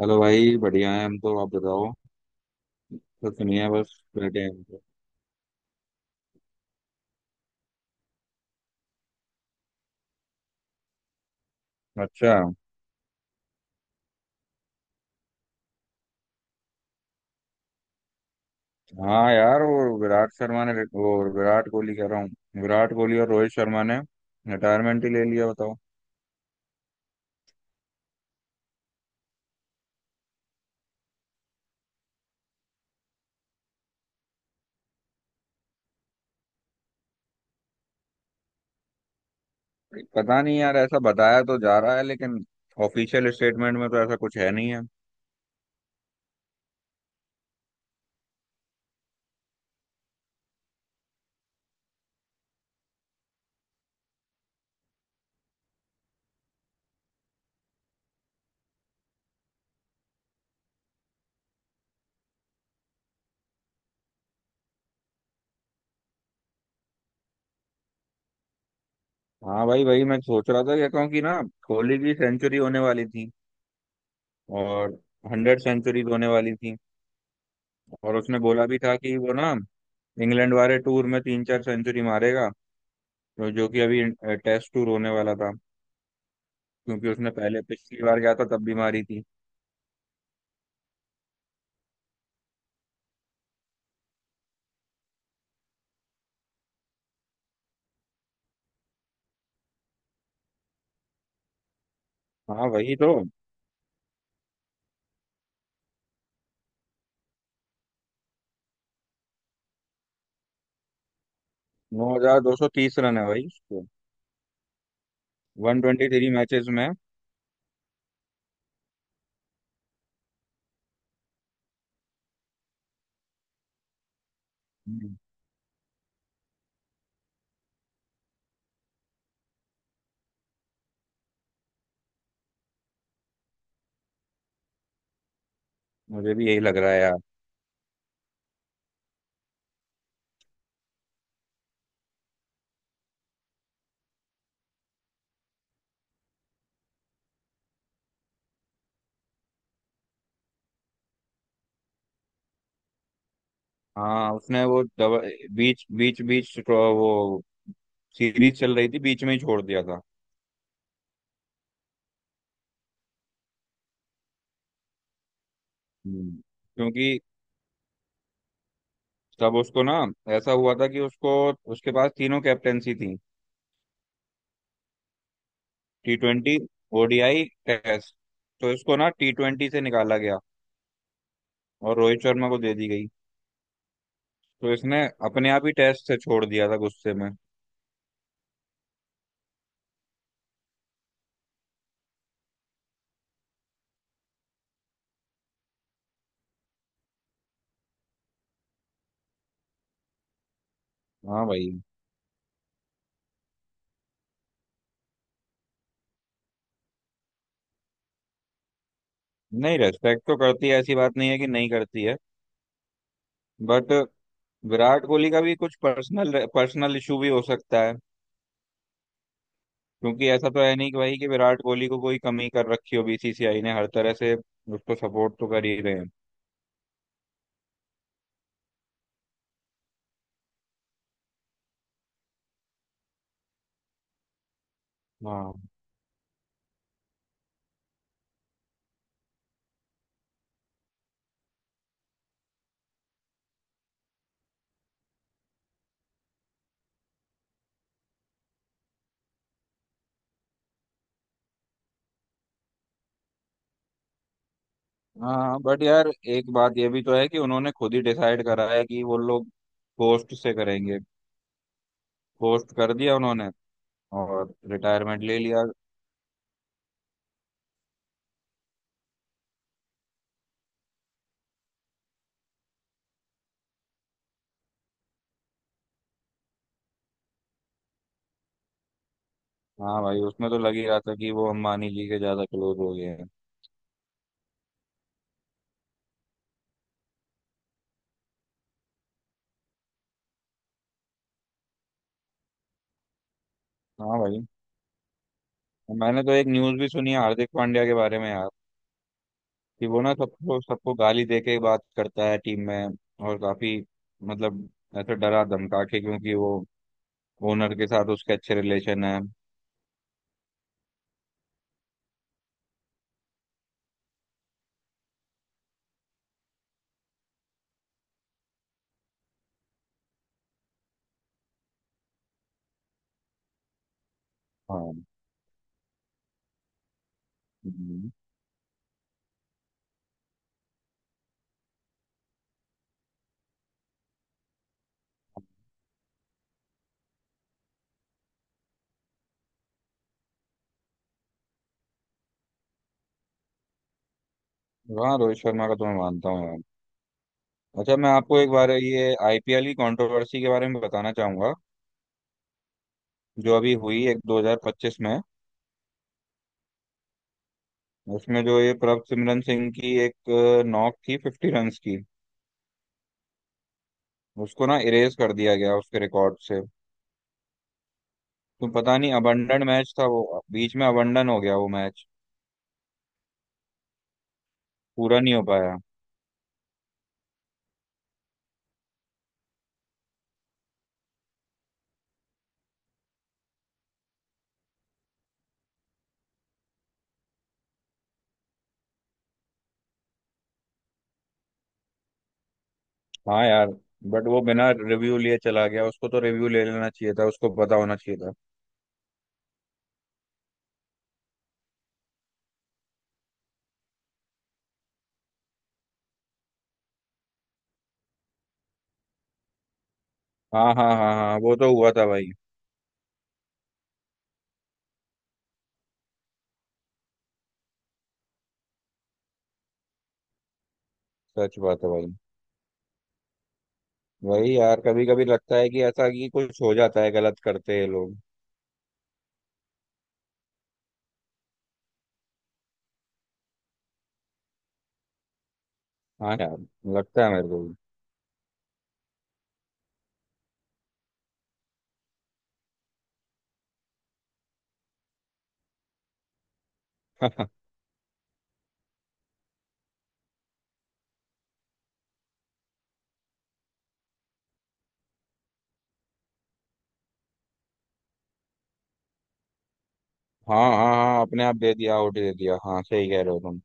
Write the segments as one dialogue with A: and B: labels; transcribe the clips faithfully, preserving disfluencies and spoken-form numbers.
A: Hello भाई, बढ़िया है, हम तो आप बताओ। तो सुनिए, बस बैठे हैं हम तो। अच्छा। हाँ यार, वो विराट शर्मा ने वो, विराट कोहली कह रहा हूँ। विराट कोहली और रोहित शर्मा ने रिटायरमेंट ही ले लिया, बताओ। पता नहीं यार, ऐसा बताया तो जा रहा है, लेकिन ऑफिशियल स्टेटमेंट में तो ऐसा कुछ है नहीं है। हाँ भाई, भाई मैं सोच रहा था क्या कहूँ कि क्योंकि ना, कोहली की सेंचुरी होने वाली थी। और हंड्रेड सेंचुरीज होने वाली थी। और उसने बोला भी था कि वो ना इंग्लैंड वाले टूर में तीन चार सेंचुरी मारेगा, जो जो कि अभी टेस्ट टूर होने वाला था, क्योंकि उसने पहले पिछली बार गया था तब बीमारी थी। हाँ वही तो। नौ हजार दो सौ तीस रन है भाई उसको, वन ट्वेंटी थ्री मैचेस में। हम्म, मुझे भी यही लग रहा है यार। हाँ, उसने वो दवा, बीच बीच बीच तो वो सीरीज चल रही थी, बीच में ही छोड़ दिया था। हम्म, क्योंकि तब उसको ना ऐसा हुआ था कि उसको उसके पास तीनों कैप्टेंसी थी। T twenty, O D I, test. तो इसको ना टी ट्वेंटी से निकाला गया और रोहित शर्मा को दे दी गई। तो इसने अपने आप ही टेस्ट से छोड़ दिया था गुस्से में। हाँ भाई। नहीं, रेस्पेक्ट तो करती है, ऐसी बात नहीं है कि नहीं करती है। बट विराट कोहली का भी कुछ पर्सनल पर्सनल इशू भी हो सकता है, क्योंकि ऐसा तो है नहीं कि भाई कि विराट कोहली को कोई कमी कर रखी हो। बी सी सी आई ने हर तरह से उसको सपोर्ट तो कर ही रहे हैं। हाँ। हाँ बट यार, एक बात ये भी तो है कि उन्होंने खुद ही डिसाइड करा है कि वो लोग पोस्ट से करेंगे। पोस्ट कर दिया उन्होंने और रिटायरमेंट ले लिया। हाँ भाई, उसमें तो लग ही रहा था कि वो अंबानी जी के ज्यादा क्लोज हो गए हैं। हाँ भाई। मैंने तो एक न्यूज भी सुनी है हार्दिक पांड्या के बारे में यार, कि वो ना सबको सबको गाली दे के बात करता है टीम में। और काफी, मतलब ऐसे डरा धमका के, क्योंकि वो ओनर के साथ उसके अच्छे रिलेशन है। हाँ। हम्म। हाँ, रोहित शर्मा का तो मैं मानता हूँ यार। अच्छा, मैं आपको एक बार ये आई पी एल की कंट्रोवर्सी के बारे में बताना चाहूंगा जो अभी हुई एक दो हज़ार पच्चीस में। उसमें जो ये प्रभसिमरन सिंह की एक अ, नॉक थी फिफ्टी रन की, उसको ना इरेज कर दिया गया उसके रिकॉर्ड से। तो पता नहीं, अबंडन मैच था वो, बीच में अबंडन हो गया वो मैच, पूरा नहीं हो पाया। हाँ यार, बट वो बिना रिव्यू लिए चला गया, उसको तो रिव्यू ले लेना चाहिए था, उसको पता होना चाहिए था। हाँ हाँ हाँ हाँ, वो तो हुआ था भाई। सच बात है भाई। वही यार, कभी कभी लगता है कि ऐसा कि कुछ हो जाता है, गलत करते हैं लोग। हाँ यार, लगता है मेरे को भी। हाँ हाँ हाँ, अपने आप दे दिया, आउट दे दिया। हाँ, सही कह रहे हो तुम।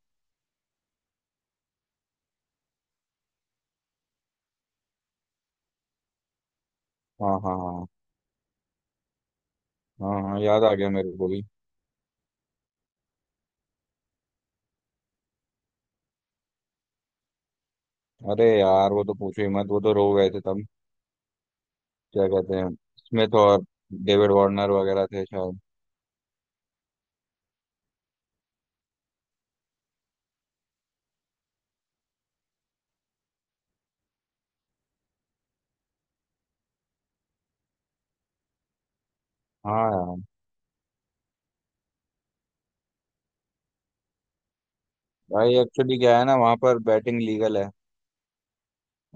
A: हाँ हाँ हाँ हाँ हाँ, याद आ गया मेरे को भी। अरे यार, वो तो पूछो ही मत, वो तो रो गए थे तब। क्या कहते हैं, स्मिथ और डेविड वार्नर वगैरह थे शायद। हाँ यार। भाई एक्चुअली क्या है ना, वहाँ पर बैटिंग लीगल है,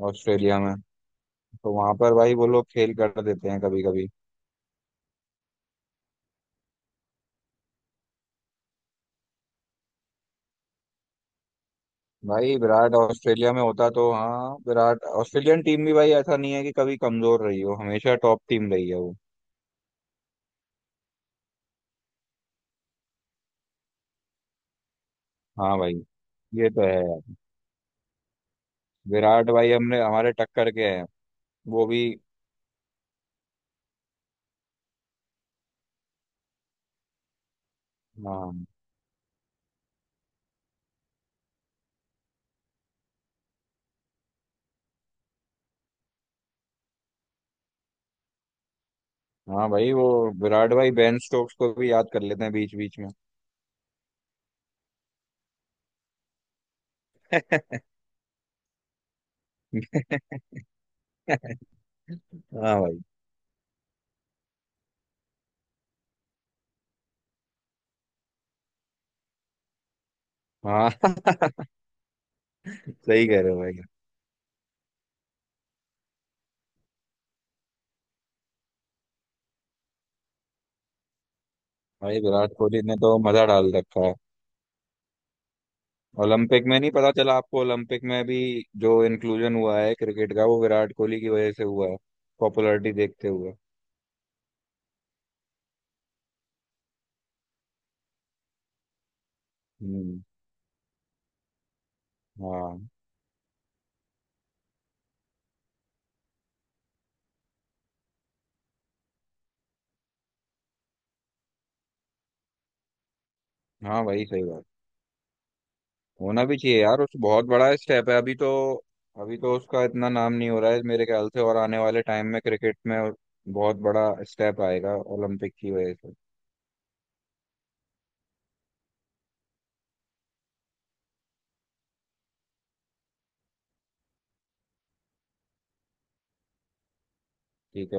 A: ऑस्ट्रेलिया में। तो वहाँ पर भाई वो लोग खेल कर देते हैं कभी कभी। भाई विराट ऑस्ट्रेलिया में होता तो, हाँ विराट, ऑस्ट्रेलियन टीम भी भाई ऐसा नहीं है कि कभी कमजोर रही हो, हमेशा टॉप टीम रही है वो। हाँ भाई, ये तो है यार। विराट भाई हमने हमारे टक्कर के हैं, वो भी। हाँ हाँ भाई वो, विराट भाई बेन स्टोक्स को भी याद कर लेते हैं बीच बीच में। हाँ भाई। हाँ। सही कह रहे हो भाई। भाई विराट कोहली ने तो मजा डाल रखा है। ओलंपिक में नहीं पता चला आपको? ओलंपिक में भी जो इंक्लूजन हुआ है क्रिकेट का, वो विराट कोहली की वजह से हुआ है, पॉपुलैरिटी देखते हुए। हम्म। हाँ। हाँ भाई, सही बात। होना भी चाहिए यार, उस बहुत बड़ा स्टेप है अभी तो। अभी तो उसका इतना नाम नहीं हो रहा है मेरे ख्याल से, और आने वाले टाइम में क्रिकेट में बहुत बड़ा स्टेप आएगा ओलंपिक की वजह से। ठीक है।